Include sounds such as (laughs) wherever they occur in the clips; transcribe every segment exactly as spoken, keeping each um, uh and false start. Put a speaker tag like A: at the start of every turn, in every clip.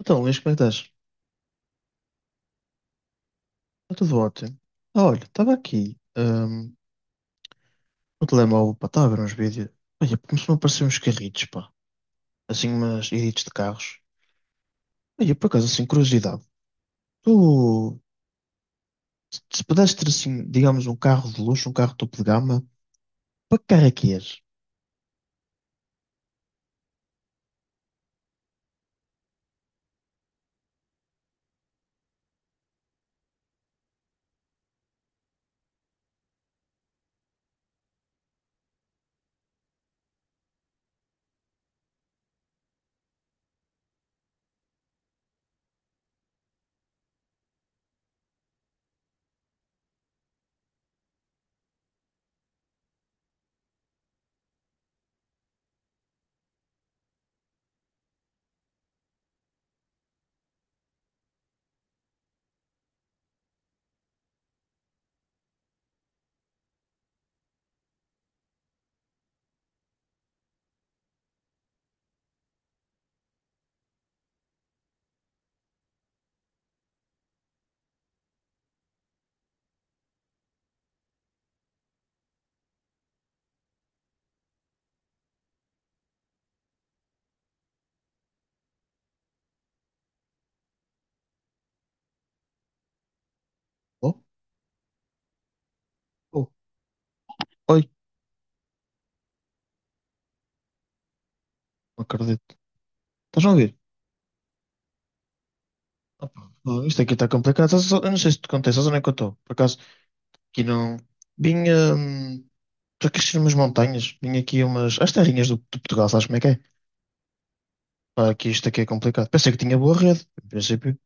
A: Então, Luís, como é que estás? Está tudo ótimo. Ah, olha, estava aqui hum, no telemóvel, pá, estava a ver uns vídeos. Olha, começou a aparecer uns carritos, pá. Assim, umas edits de carros. Olha, por acaso, assim, curiosidade. Tu, se se pudesses ter, assim, digamos, um carro de luxo, um carro topo de gama, para que carro é que és? Oh, oh, oi, não acredito. Estás a ouvir? Opa, oh, isto aqui está complicado. Estás a- só- Eu não sei se te contei, sabes onde é que eu estou? Por acaso, aqui não. Vim, hum, estou aqui a umas montanhas. Vim aqui a umas... As terrinhas do, de Portugal, sabes como é que é? Pá, aqui isto aqui é complicado. Pensei que tinha boa rede, em princípio.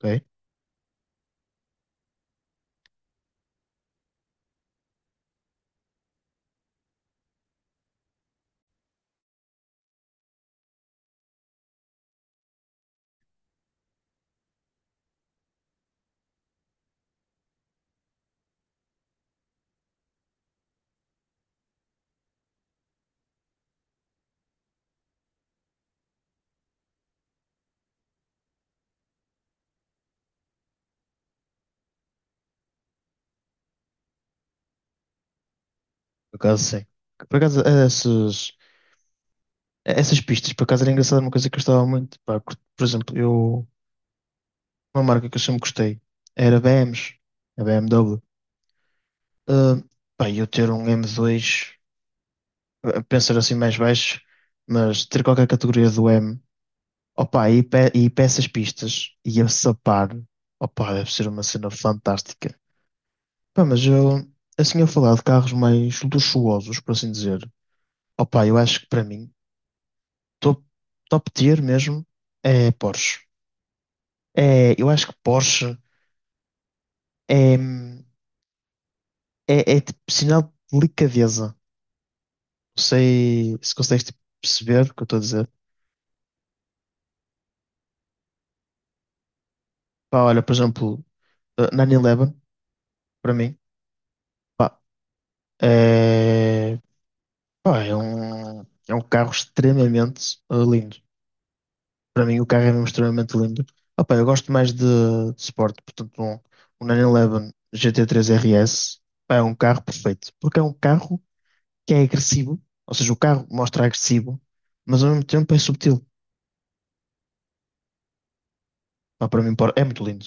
A: Ok, por acaso sim. Por acaso, eh, essas, essas pistas, por acaso era engraçado, uma coisa que eu gostava muito. Pá, cur- por exemplo, eu, uma marca que eu sempre gostei era B Ms, a B M W. Ah, pá, eu ter um M dois, eh, pensar assim mais baixo, mas ter qualquer categoria do M, opá, e, pe e para essas pistas, e a sapar, opá, deve ser uma cena fantástica. Pá, mas eu, assim, a falar de carros mais luxuosos, por assim dizer. Opa, eu acho que para mim, top, top tier mesmo é Porsche. É, eu acho que Porsche é, é, é tipo, sinal de delicadeza. Não sei se consegues tipo, perceber o que eu estou a dizer. Pá, olha, por exemplo, eh, nove onze, para mim, pá, é, pá, é um, é um carro extremamente eh, lindo. Para mim o carro é mesmo extremamente limpo. Opa, eu gosto mais de, de Sport, portanto um, um nove onze G T três R S, pá, é um carro perfeito, porque é um carro que é agressivo, ou seja, o carro mostra agressivo, mas ao mesmo tempo é subtil. Pá, para mim pá, é muito lindo.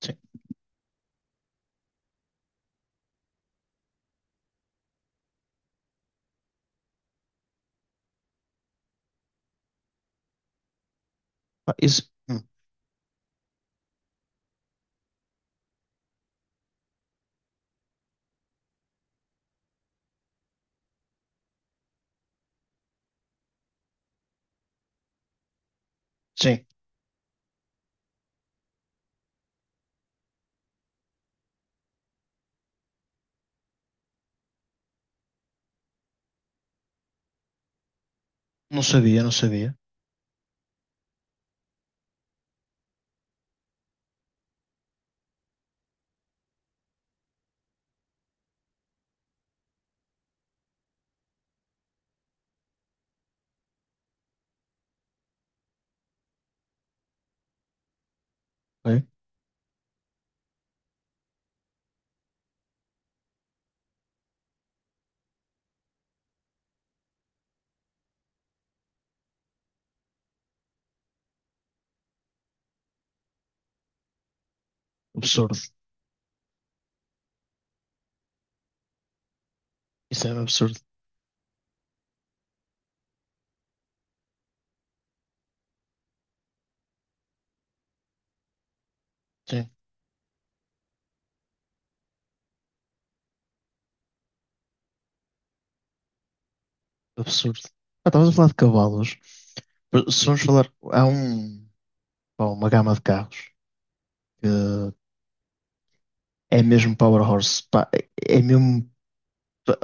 A: Sim. Pá, isso, hum, sim, não sabia, não sabia. Ok? Absurdo, isso é um absurdo, sim, absurdo. Ah, estavas a falar de cavalos, se vamos falar, há um, pá, uma gama de carros que é mesmo Power Horse, pá, é é mesmo.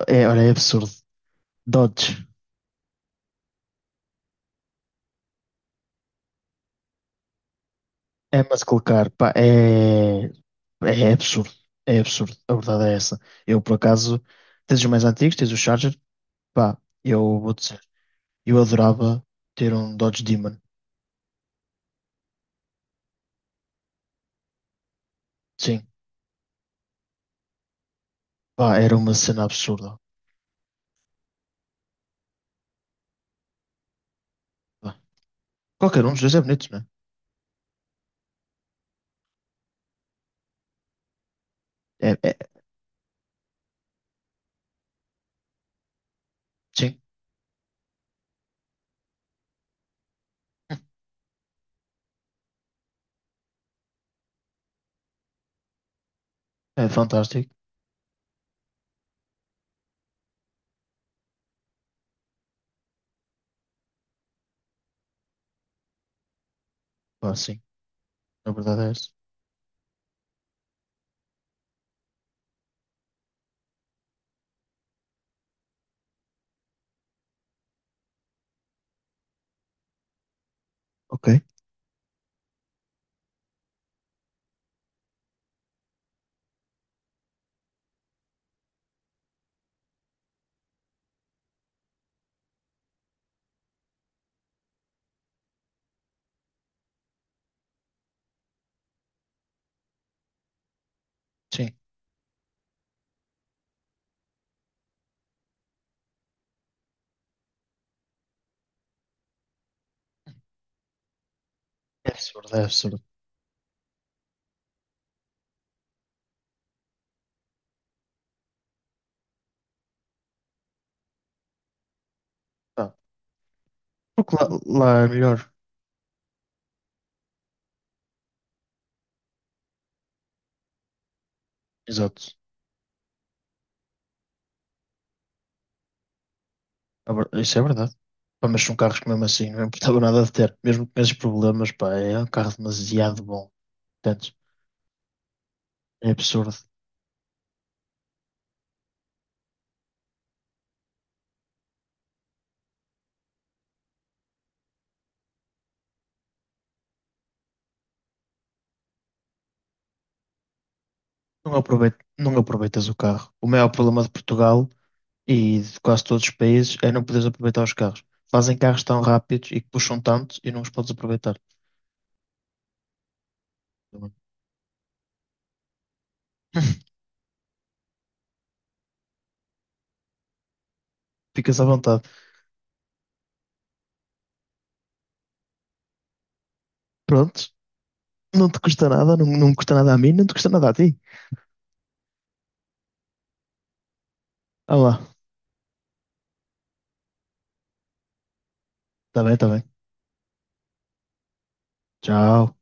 A: É, olha, é absurdo. Dodge, ama-se colocar, pá, é, é absurdo. É absurdo. A verdade é essa. Eu, por acaso, tens os mais antigos, tens o Charger, pá, eu vou dizer, eu adorava ter um Dodge Demon. Sim, pá, era uma cena absurda. Pá. Qualquer um dos dois é bonito, né? É, é, é, sim, é fantástico. Pá, sim, a verdade é essa. Ok, sim, é absurdo, é absurdo. Pá, porque lá, lá é melhor. Exato. A ver- isso é verdade. Pá, mas são carros que mesmo assim não importava nada de ter. Mesmo com esses problemas, pá, é um carro demasiado bom. Portanto, é absurdo. Não aproveit- não aproveitas o carro. O maior problema de Portugal e de quase todos os países é não poderes aproveitar os carros. Fazem carros tão rápidos e que puxam tanto e não os podes aproveitar. (laughs) Ficas à vontade. Pronto, não te custa nada, não, não me custa nada a mim, não te custa nada a ti. Ah lá, tá bem, tá bem. Tchau.